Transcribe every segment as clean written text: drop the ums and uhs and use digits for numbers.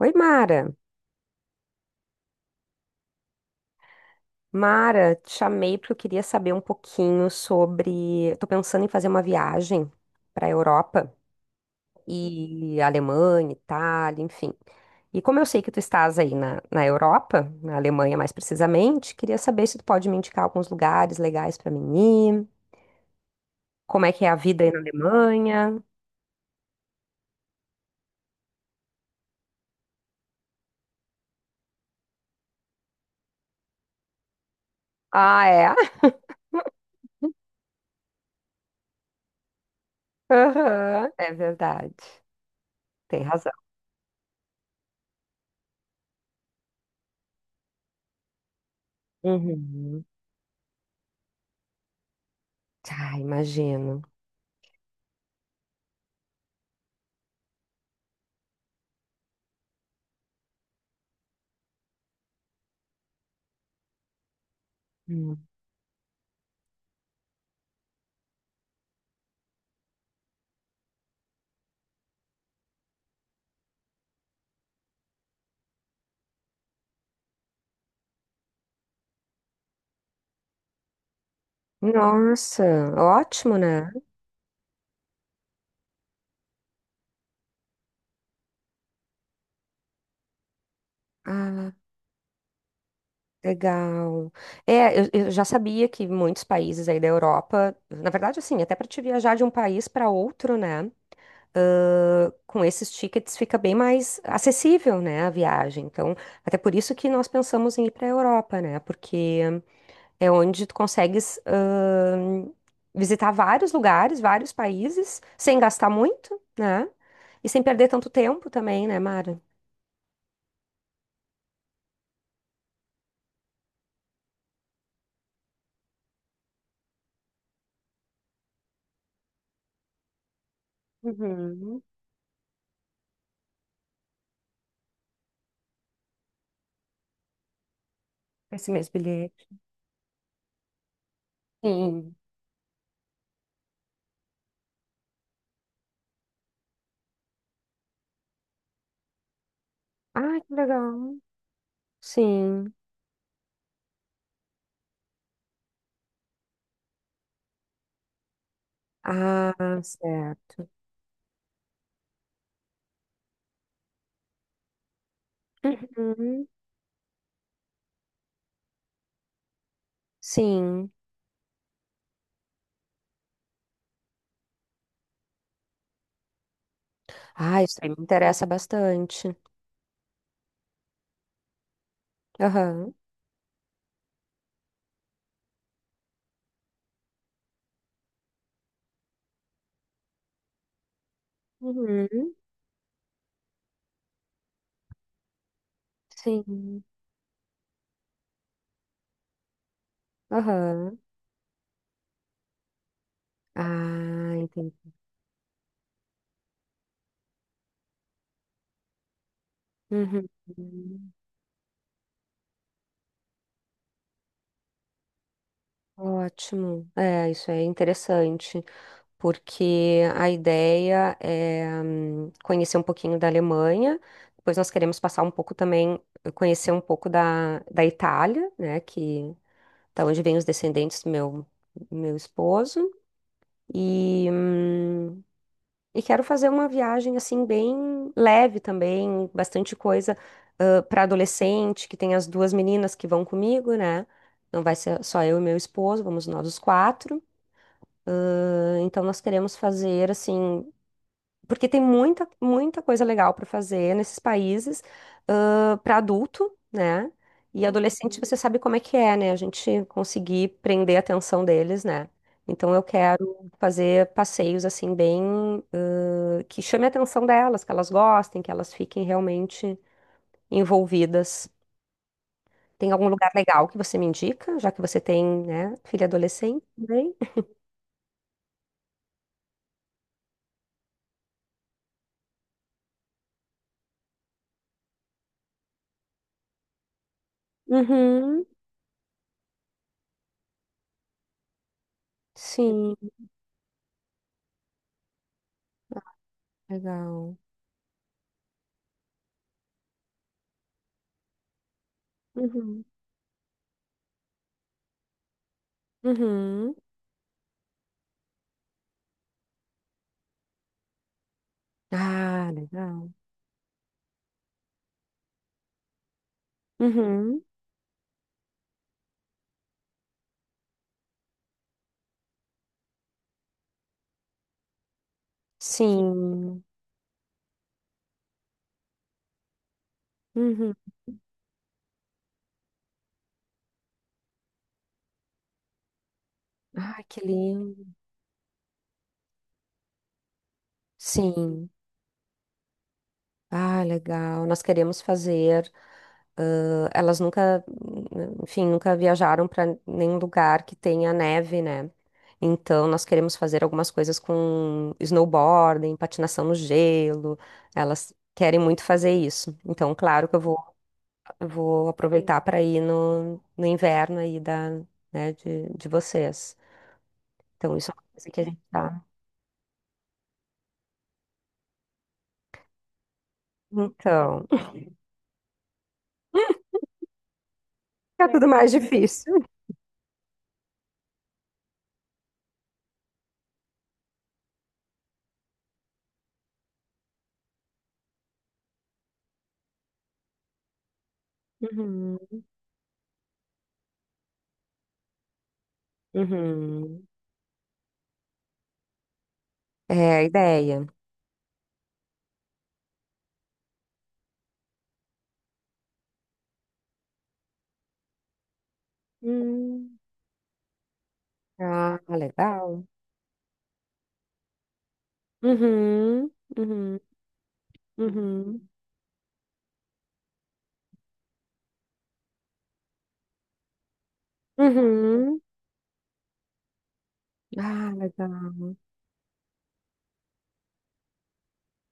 Oi, Mara. Mara, te chamei porque eu queria saber um pouquinho sobre. Estou pensando em fazer uma viagem para a Europa e Alemanha, Itália, enfim. E como eu sei que tu estás aí na Europa, na Alemanha mais precisamente, queria saber se tu pode me indicar alguns lugares legais para mim ir, como é que é a vida aí na Alemanha. Ah, é? Aham, é verdade. Tem razão. Uhum. Ah, imagino. Hum. Nossa, ótimo, né? Ah, legal. É, eu já sabia que muitos países aí da Europa, na verdade, assim, até para te viajar de um país para outro, né? Com esses tickets fica bem mais acessível, né, a viagem. Então, até por isso que nós pensamos em ir para a Europa, né? Porque é onde tu consegues visitar vários lugares, vários países, sem gastar muito, né? E sem perder tanto tempo também, né, Mara? Uhum. Esse mesmo bilhete. Sim. Ah, que legal. Sim. Ah, certo. Uhum. Sim. Ah, isso aí me interessa bastante. Aham. Uhum. Sim. Aham. Ah, entendi. Uhum. Ótimo. É, isso é interessante, porque a ideia é conhecer um pouquinho da Alemanha, depois nós queremos passar um pouco também, conhecer um pouco da Itália, né, que da onde vêm os descendentes do meu esposo. E, hum, e quero fazer uma viagem assim bem leve também, bastante coisa para adolescente, que tem as duas meninas que vão comigo, né? Não vai ser só eu e meu esposo, vamos nós os quatro. Ah, então nós queremos fazer assim porque tem muita, muita coisa legal para fazer nesses países, para adulto, né? E adolescente, uhum, você sabe como é que é, né? A gente conseguir prender a atenção deles, né? Então eu quero fazer passeios assim bem que chame a atenção delas, que elas gostem, que elas fiquem realmente envolvidas. Tem algum lugar legal que você me indica, já que você tem, né, filha adolescente também? Uhum, sim, legal. Uhum, uhum. Ah, legal. Uhum. Sim. Uhum. Ah, que lindo. Sim. Ah, legal. Nós queremos fazer. Elas nunca, enfim, nunca viajaram para nenhum lugar que tenha neve, né? Então, nós queremos fazer algumas coisas com snowboarding, patinação no gelo. Elas querem muito fazer isso. Então, claro que eu vou aproveitar para ir no inverno aí da, né, de vocês. Então, isso é uma coisa que a gente tá. Então, fica tudo mais difícil. Uhum, uhum. É a ideia. Hum, ah, legal. Uhum, uhum, uhum, uhum. Ah, legal.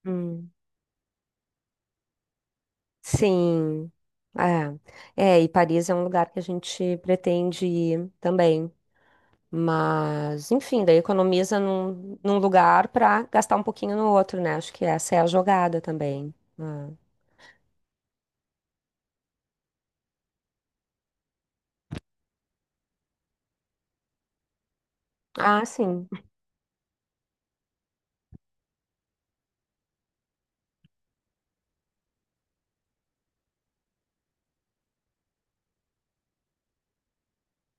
Hum. Sim. É. É, e Paris é um lugar que a gente pretende ir também. Mas, enfim, daí economiza num lugar para gastar um pouquinho no outro, né? Acho que essa é a jogada também. Ah, sim.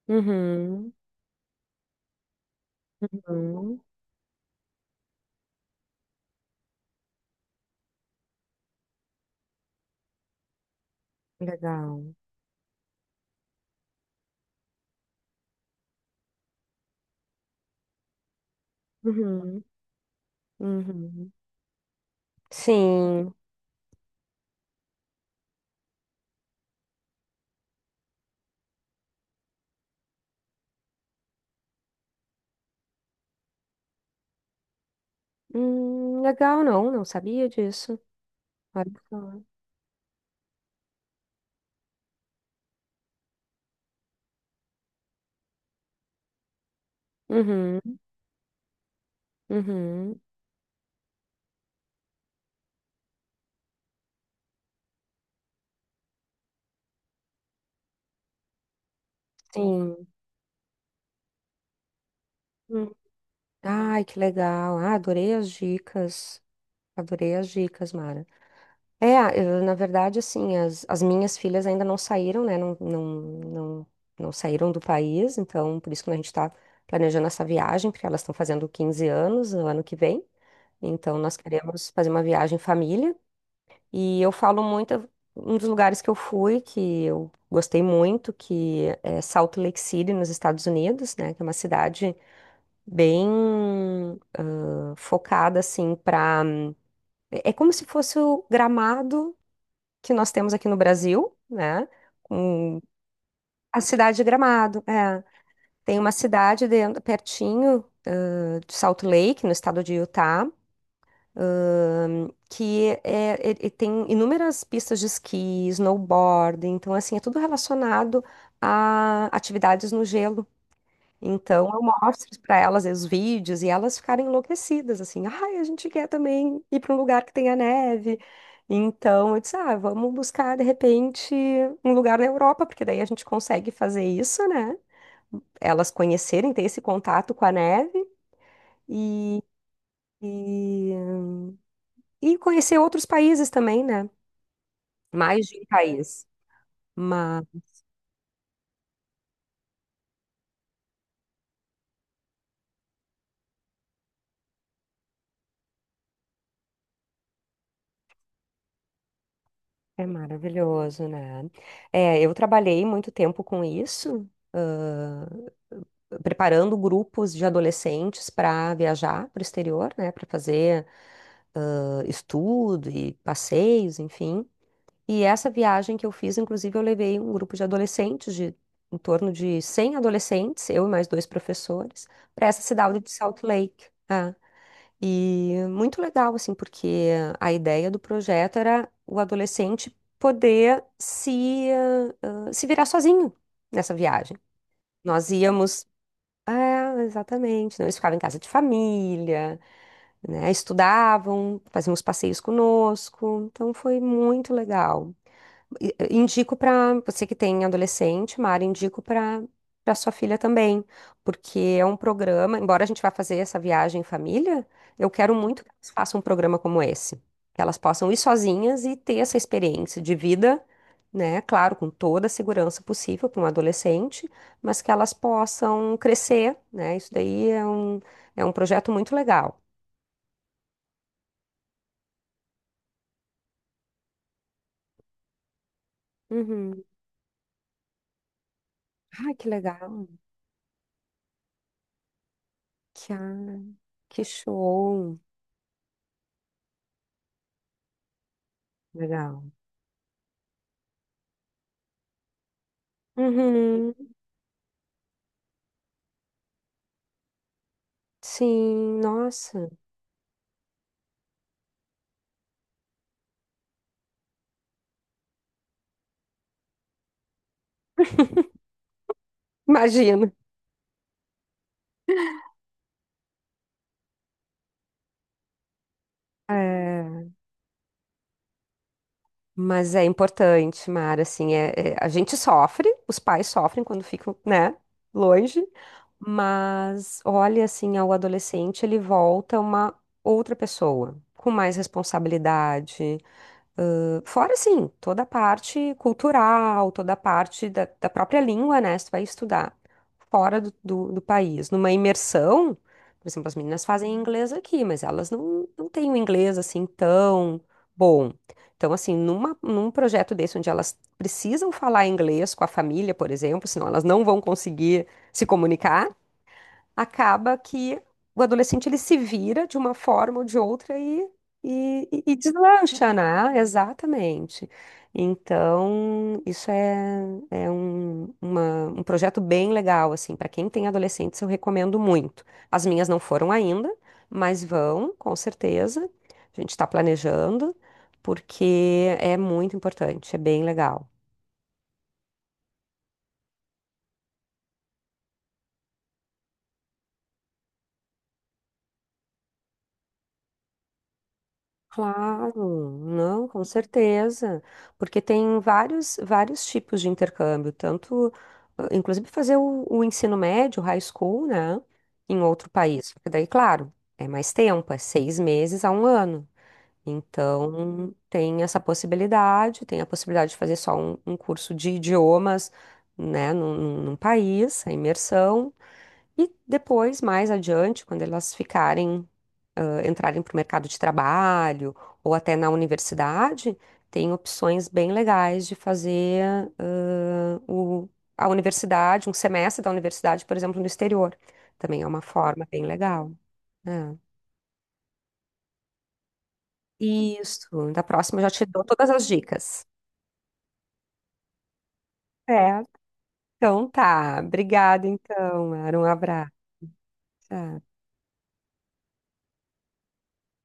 Uhum, uhum, legal. Uhum, uhum. Sim. Legal, não sabia disso. Olha só. Uhum, uhum, sim. Hum. Ai, que legal. Ah, adorei as dicas. Adorei as dicas, Mara. É, eu, na verdade, assim, as minhas filhas ainda não saíram, né? Não, não, não, não saíram do país, então por isso que a gente está planejando essa viagem, porque elas estão fazendo 15 anos no ano que vem. Então, nós queremos fazer uma viagem família. E eu falo muito, um dos lugares que eu fui, que eu gostei muito, que é Salt Lake City, nos Estados Unidos, né? Que é uma cidade bem focada, assim, para... É como se fosse o Gramado que nós temos aqui no Brasil, né? Com a cidade de Gramado, é. Tem uma cidade dentro, pertinho, de Salt Lake, no estado de Utah, que tem inúmeras pistas de esqui, snowboard, então assim, é tudo relacionado a atividades no gelo. Então eu mostro para elas os vídeos e elas ficarem enlouquecidas, assim, ai, a gente quer também ir para um lugar que tenha neve. Então eu disse, ah, vamos buscar de repente um lugar na Europa, porque daí a gente consegue fazer isso, né? Elas conhecerem, ter esse contato com a neve e, e conhecer outros países também, né? Mais de um país. Mas é maravilhoso, né? É, eu trabalhei muito tempo com isso, ãh, preparando grupos de adolescentes para viajar para o exterior, né? Para fazer, estudo e passeios, enfim. E essa viagem que eu fiz, inclusive, eu levei um grupo de adolescentes, de em torno de 100 adolescentes, eu e mais dois professores, para essa cidade de Salt Lake. Ah, e muito legal, assim, porque a ideia do projeto era o adolescente poder se, ah, ah, se virar sozinho nessa viagem. Nós íamos. É, exatamente. Não, eles ficavam em casa de família, né? Estudavam, faziam os passeios conosco. Então foi muito legal. Indico para você que tem adolescente, Mara, indico para sua filha também, porque é um programa, embora a gente vá fazer essa viagem em família, eu quero muito que elas façam um programa como esse, que elas possam ir sozinhas e ter essa experiência de vida, né? Claro, com toda a segurança possível para um adolescente, mas que elas possam crescer, né? Isso daí é um, projeto muito legal. Uhum. Ai, que legal. Que, ah, que show. Legal. Uhum. Sim, nossa, imagino. É, mas é importante, Mara, assim, a gente sofre, os pais sofrem quando ficam, né, longe, mas olha, assim, ao adolescente ele volta uma outra pessoa, com mais responsabilidade. Ah, fora, assim, toda a parte cultural, toda a parte da própria língua, né? Se tu vai estudar fora do país, numa imersão, por exemplo, as meninas fazem inglês aqui, mas elas não têm o inglês, assim, tão bom. Então, assim, numa, num projeto desse, onde elas precisam falar inglês com a família, por exemplo, senão elas não vão conseguir se comunicar, acaba que o adolescente ele se vira de uma forma ou de outra e deslancha, né? Exatamente. Então, isso é, é um, uma- um projeto bem legal, assim, para quem tem adolescentes, eu recomendo muito. As minhas não foram ainda, mas vão, com certeza. A gente está planejando, porque é muito importante, é bem legal. Claro, não, com certeza, porque tem vários, vários tipos de intercâmbio, tanto, inclusive fazer o ensino médio, high school, né, em outro país, porque daí, claro, é mais tempo, é 6 meses a um ano, então tem essa possibilidade, tem a possibilidade de fazer só um curso de idiomas, né, num país, a imersão, e depois, mais adiante, quando elas ficarem, entrarem para o mercado de trabalho ou até na universidade, tem opções bem legais de fazer ah, o- a universidade, um semestre da universidade, por exemplo, no exterior. Também é uma forma bem legal, né? Isso, da próxima eu já te dou todas as dicas. É, então tá. Obrigada, então. Era um abraço. Tchau.